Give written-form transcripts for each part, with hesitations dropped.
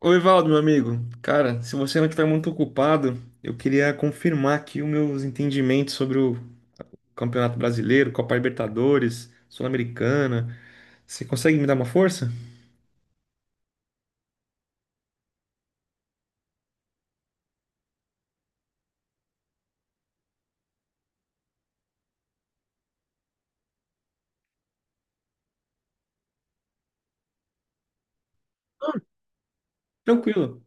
Oi, Valdo, meu amigo. Cara, se você não estiver muito ocupado, eu queria confirmar aqui os meus entendimentos sobre o Campeonato Brasileiro, Copa Libertadores, Sul-Americana. Você consegue me dar uma força? Tranquilo.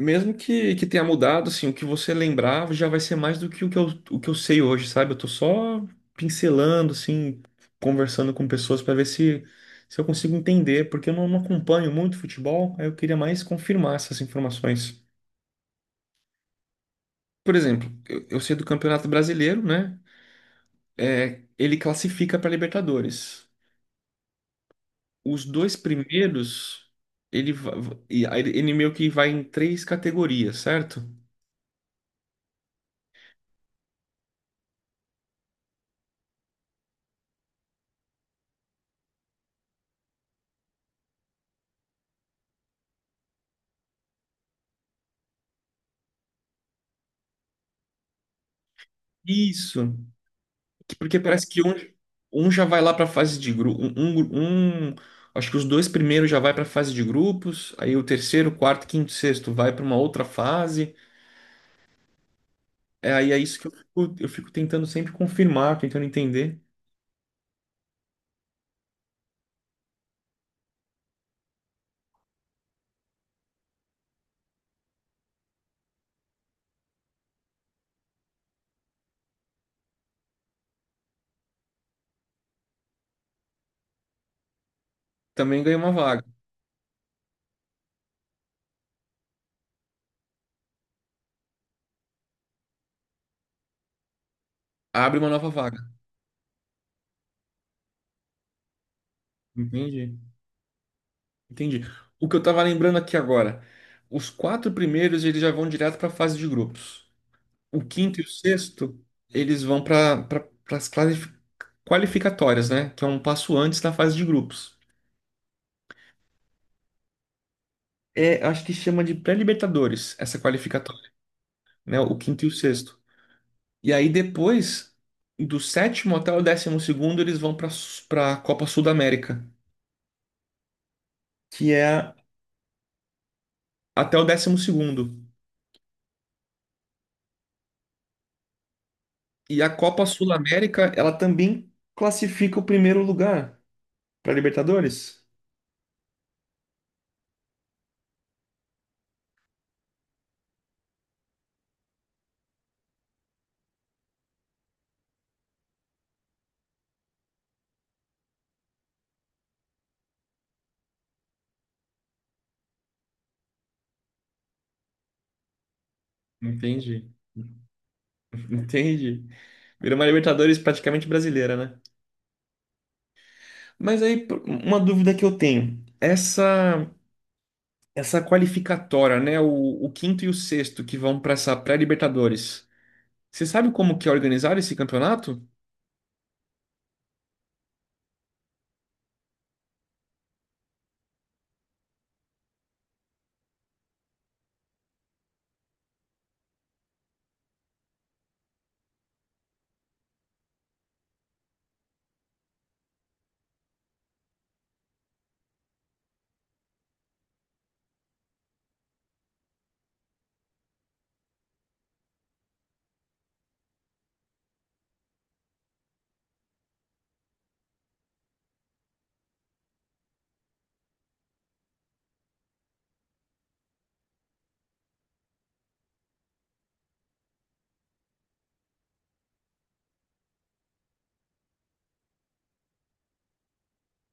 Mesmo que tenha mudado, assim, o que você lembrava já vai ser mais do que o que eu sei hoje, sabe? Eu tô só pincelando, assim, conversando com pessoas para ver se eu consigo entender, porque eu não, não acompanho muito futebol, aí eu queria mais confirmar essas informações. Por exemplo, eu sei do Campeonato Brasileiro, né? É, ele classifica para Libertadores. Os dois primeiros, e aí ele meio que vai em três categorias, certo? Isso. Porque parece que um já vai lá para fase de grupo. Acho que os dois primeiros já vai para fase de grupos. Aí o terceiro, quarto, quinto, sexto vai para uma outra fase. É, aí é isso que eu fico tentando sempre confirmar, tentando entender. Também ganha uma vaga. Abre uma nova vaga. Entendi. Entendi. O que eu tava lembrando aqui agora, os quatro primeiros eles já vão direto para a fase de grupos. O quinto e o sexto, eles vão para pra, as qualificatórias, né? Que é um passo antes da fase de grupos. É, acho que chama de pré-libertadores essa qualificatória, né? O quinto e o sexto. E aí depois, do sétimo até o décimo segundo, eles vão para a Copa Sul-América, que é até o décimo segundo. E a Copa Sul-América, ela também classifica o primeiro lugar. Pra Libertadores? Entendi. Entendi. Virou uma Libertadores praticamente brasileira, né? Mas aí, uma dúvida que eu tenho. Essa qualificatória, né? O quinto e o sexto que vão para essa pré-Libertadores. Você sabe como que é organizar esse campeonato?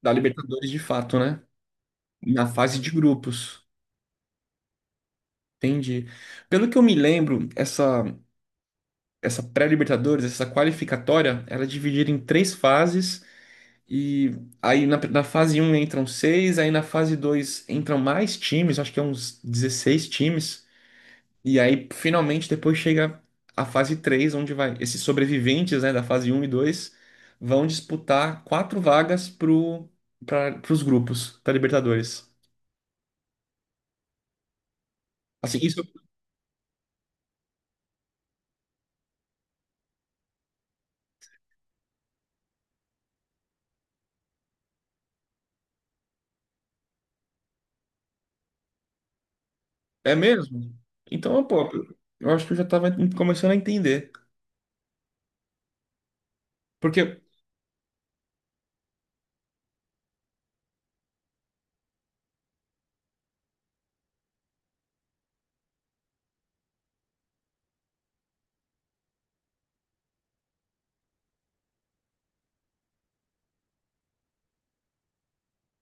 Da Libertadores de fato, né? Na fase de grupos. Entendi. Pelo que eu me lembro, essa pré-Libertadores, essa qualificatória, ela é dividida em três fases. E aí na fase um entram seis, aí na fase 2 entram mais times, acho que é uns 16 times. E aí finalmente depois chega a fase 3, onde vai esses sobreviventes, né, da fase um e 2 vão disputar quatro vagas pro para os grupos da Libertadores. Assim, isso é mesmo? Então, pô, eu acho que eu já tava começando a entender. Porque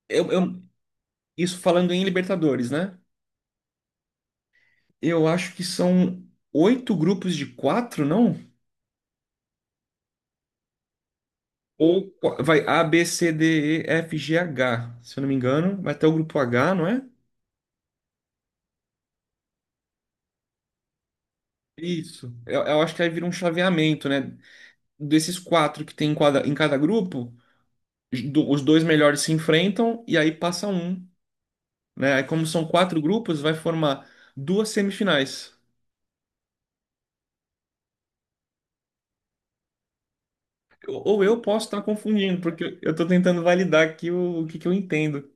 eu, eu- isso falando em Libertadores, né? Eu acho que são oito grupos de quatro, não? Vai A, B, C, D, E, F, G, H, se eu não me engano. Vai até o grupo H, não é? Isso. Eu acho que aí vira um chaveamento, né? Desses quatro que tem em cada grupo, os dois melhores se enfrentam e aí passa um, né? Aí como são quatro grupos, vai formar duas semifinais. Ou eu posso estar confundindo, porque eu estou tentando validar aqui o que que eu entendo.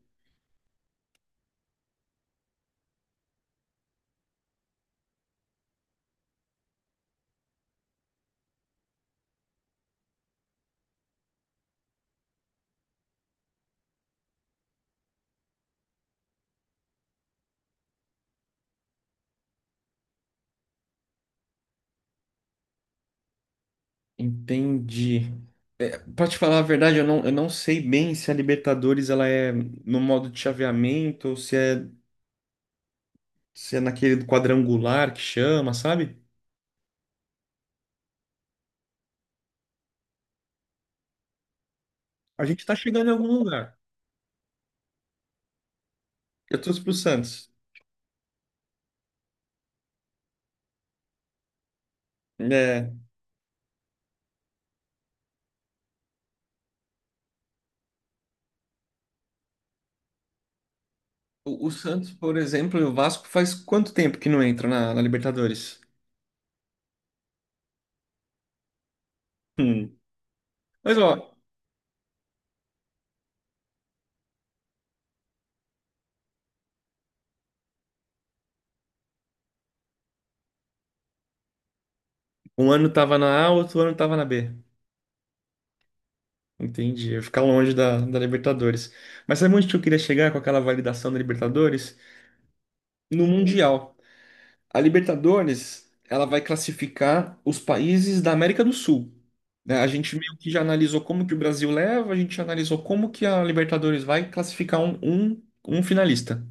Entendi. Pra te falar a verdade, eu não sei bem se a Libertadores ela é no modo de chaveamento ou se é, se é naquele quadrangular que chama, sabe? A gente tá chegando em algum lugar. Eu torço pro Santos. É, o Santos, por exemplo, e o Vasco faz quanto tempo que não entra na Libertadores? Hum. Mas ó, um ano tava na A, outro ano tava na B. Entendi. Eu ficar longe da Libertadores. Mas sabe onde que eu queria chegar com aquela validação da Libertadores? No Mundial. A Libertadores, ela vai classificar os países da América do Sul. Né? A gente meio que já analisou como que o Brasil leva, a gente já analisou como que a Libertadores vai classificar um finalista.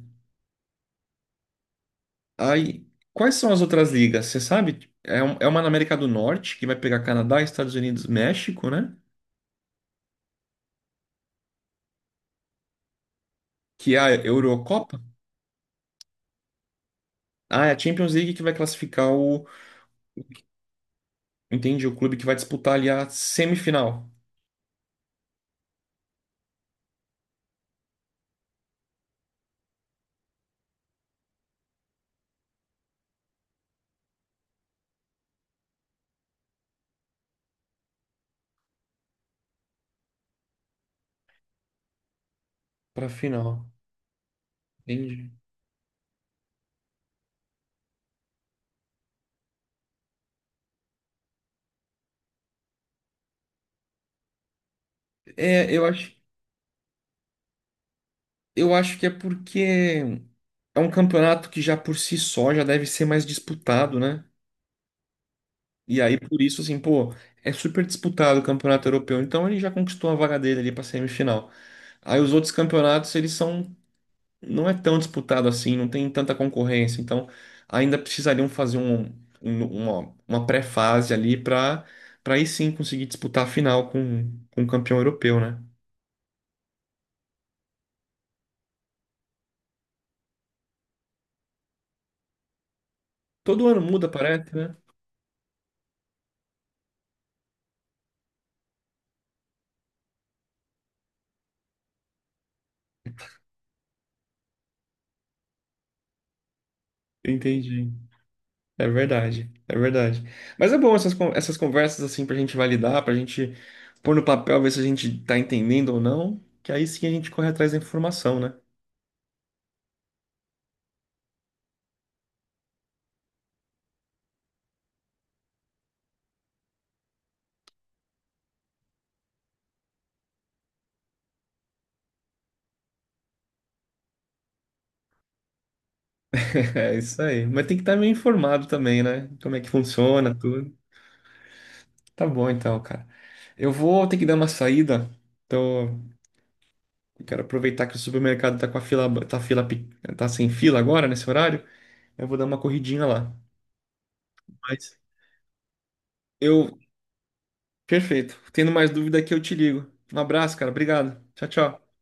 Aí, quais são as outras ligas? Você sabe? É, é uma na América do Norte, que vai pegar Canadá, Estados Unidos, México, né? Que é a Eurocopa. Ah, é a Champions League que vai classificar o, entendi, o clube que vai disputar ali a semifinal para final. Entendi. É, eu acho que é porque é um campeonato que já por si só já deve ser mais disputado, né? E aí por isso assim, pô, é super disputado o campeonato europeu. Então ele já conquistou a vaga dele ali para semifinal. Aí os outros campeonatos eles são não é tão disputado assim, não tem tanta concorrência. Então ainda precisariam fazer um, uma pré-fase ali para aí sim conseguir disputar a final com o campeão europeu, né? Todo ano muda, parece, né? Entendi. É verdade, é verdade. Mas é bom essas, essas conversas assim pra gente validar, pra gente pôr no papel, ver se a gente tá entendendo ou não, que aí sim a gente corre atrás da informação, né? É isso aí. Mas tem que estar meio informado também, né? Como é que funciona, tudo. Tá bom então, cara. Eu vou ter que dar uma saída. Então, eu quero aproveitar que o supermercado tá com a fila, tá fila, pe- tá sem fila agora nesse horário. Eu vou dar uma corridinha lá. Mas eu, perfeito. Tendo mais dúvida aqui, eu te ligo. Um abraço, cara. Obrigado. Tchau, tchau.